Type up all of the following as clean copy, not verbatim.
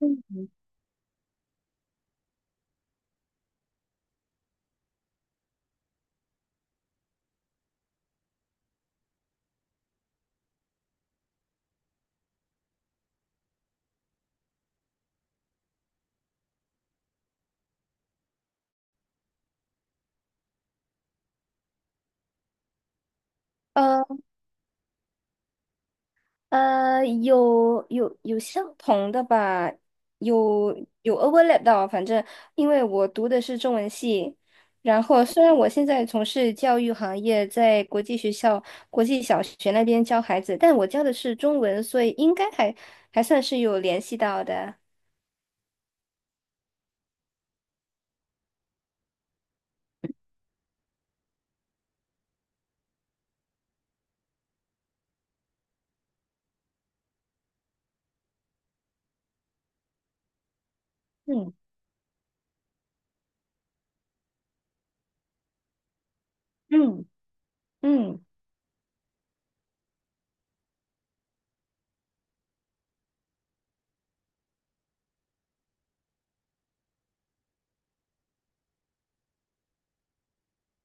嗯呃有相同的吧，有有 overlap 到，反正因为我读的是中文系，然后虽然我现在从事教育行业，在国际学校、国际小学那边教孩子，但我教的是中文，所以应该还算是有联系到的。嗯嗯嗯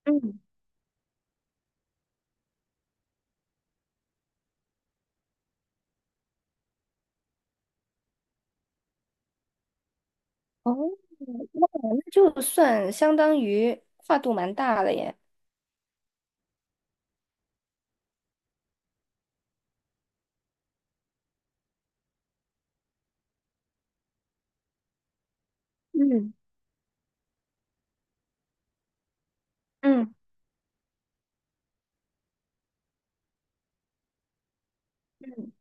嗯，哦，那就算相当于跨度蛮大了耶。嗯嗯嗯。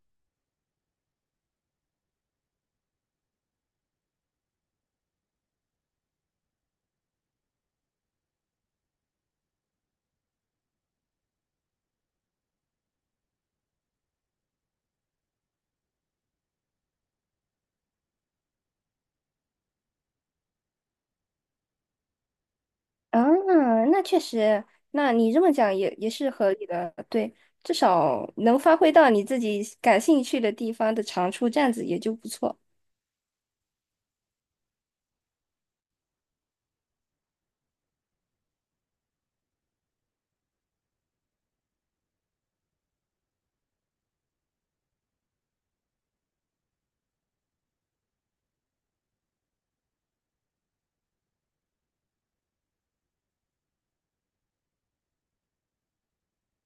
嗯，那确实，那你这么讲也是合理的，对，至少能发挥到你自己感兴趣的地方的长处，这样子也就不错。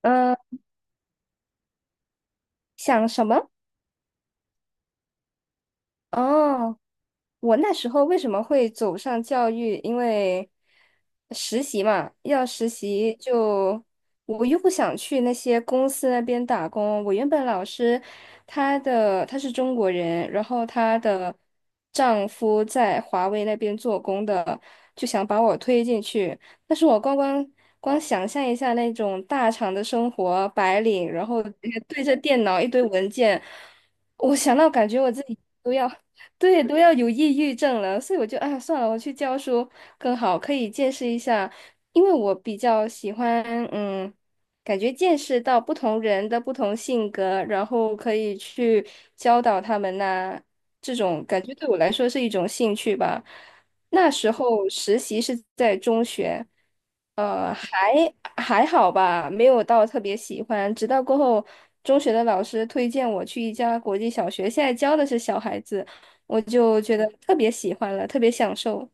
嗯、想什么？哦。我那时候为什么会走上教育？因为实习嘛，要实习就我又不想去那些公司那边打工。我原本老师他是中国人，然后她的丈夫在华为那边做工的，就想把我推进去。但是我光想象一下那种大厂的生活，白领，然后对着电脑一堆文件，我想到感觉我自己。都要对，都要有抑郁症了，所以我就哎呀算了，我去教书更好，可以见识一下，因为我比较喜欢，嗯，感觉见识到不同人的不同性格，然后可以去教导他们呐、这种感觉对我来说是一种兴趣吧。那时候实习是在中学，还好吧，没有到特别喜欢，直到过后中学的老师推荐我去一家国际小学，现在教的是小孩子。我就觉得特别喜欢了，特别享受。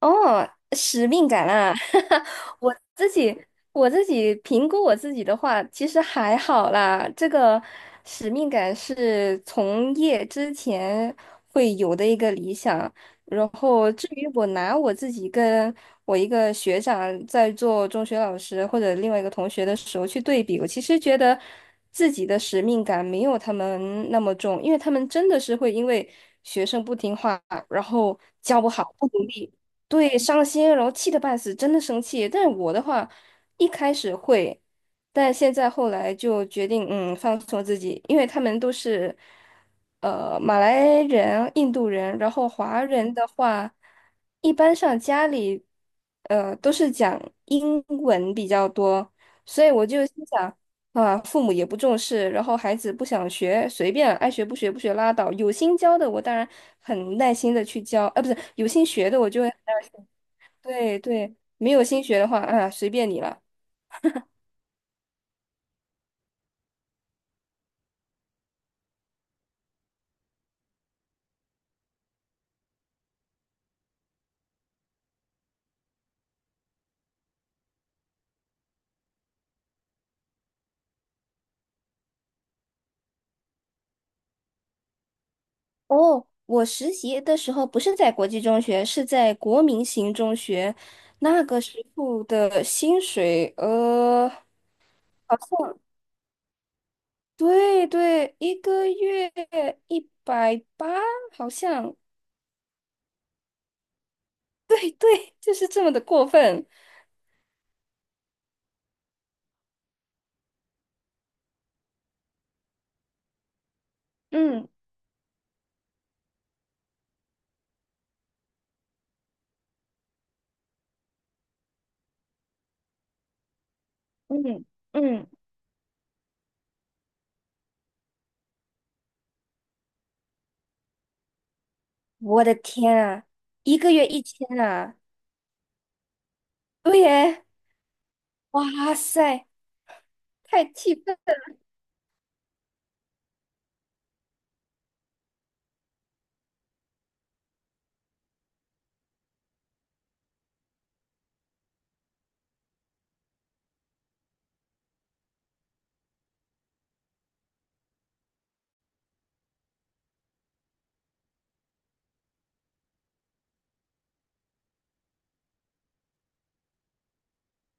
哦，使命感啊，我自己我自己评估我自己的话，其实还好啦。这个使命感是从业之前会有的一个理想。然后至于我拿我自己跟我一个学长在做中学老师或者另外一个同学的时候去对比，我其实觉得自己的使命感没有他们那么重，因为他们真的是会因为学生不听话，然后教不好不努力。对，伤心，然后气得半死，真的生气。但是我的话，一开始会，但现在后来就决定，放松自己，因为他们都是，马来人、印度人，然后华人的话，一般上家里，都是讲英文比较多，所以我就心想，啊，父母也不重视，然后孩子不想学，随便爱学不学不学拉倒。有心教的，我当然很耐心的去教，啊，不是有心学的，我就会对对，没有新学的话，啊，随便你了。哦，我实习的时候不是在国际中学，是在国民型中学，那个时候的薪水，好像对对，一个月180，好像，对对，就是这么的过分。嗯嗯嗯，我的天啊，一个月1000啊，对耶，哇塞，太气愤。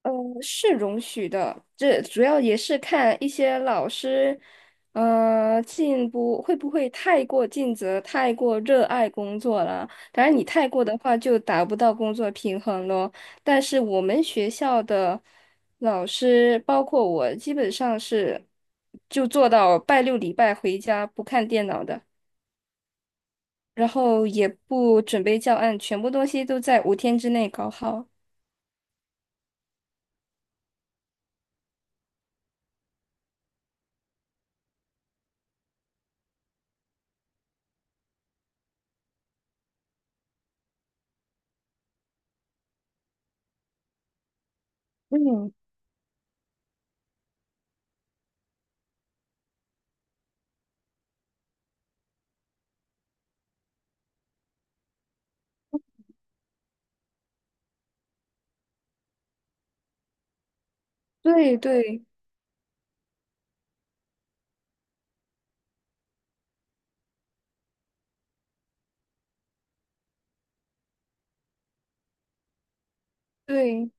呃，是容许的，这主要也是看一些老师，进步会不会太过尽责、太过热爱工作了。当然，你太过的话就达不到工作平衡咯。但是我们学校的老师，包括我，基本上是就做到拜六礼拜回家不看电脑的，然后也不准备教案，全部东西都在五天之内搞好。嗯，对对对。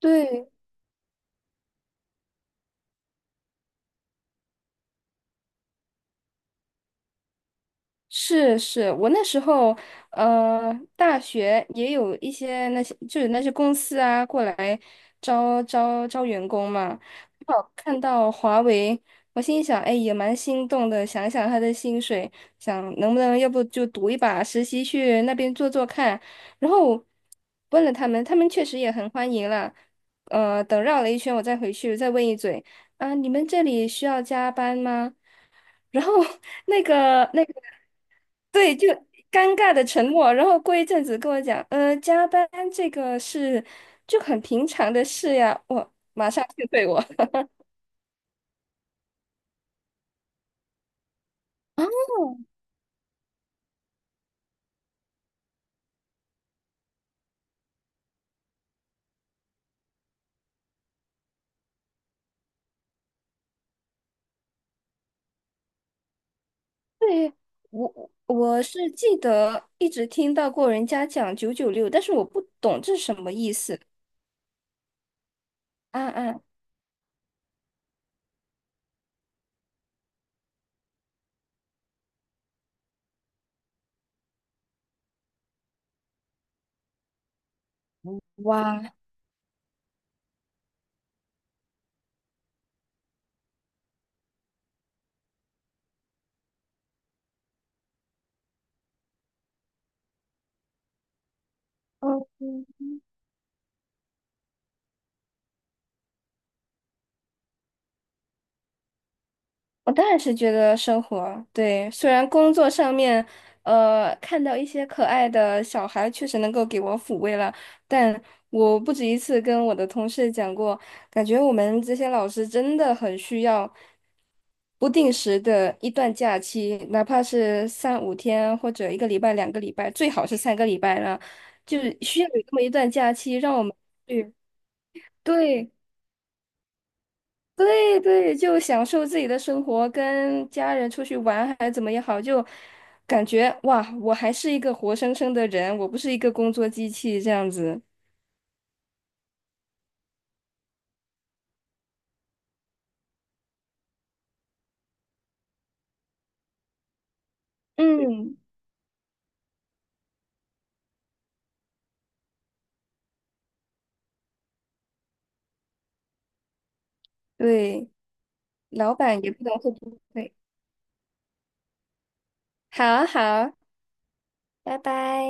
对是是，我那时候大学也有一些那些就是那些公司啊过来招员工嘛，刚好看到华为，我心想，哎，也蛮心动的，想想他的薪水，想能不能要不就赌一把实习去那边做做看，然后问了他们，他们确实也很欢迎了，等绕了一圈，我再回去再问一嘴，啊，你们这里需要加班吗？然后 那个那个。对，就尴尬的沉默，然后过一阵子跟我讲，加班这个是就很平常的事呀，我马上就对我。哦，对，我是记得一直听到过人家讲996，但是我不懂这是什么意思。啊啊，哇，嗯我当然是觉得生活，对，虽然工作上面，看到一些可爱的小孩，确实能够给我抚慰了，但我不止一次跟我的同事讲过，感觉我们这些老师真的很需要不定时的一段假期，哪怕是三五天或者一个礼拜、2个礼拜，最好是3个礼拜了，就是需要有这么一段假期，让我们去对。对对，就享受自己的生活，跟家人出去玩还怎么也好，就感觉哇，我还是一个活生生的人，我不是一个工作机器这样子。嗯，对，老板也不能会不会。好啊好啊，拜拜。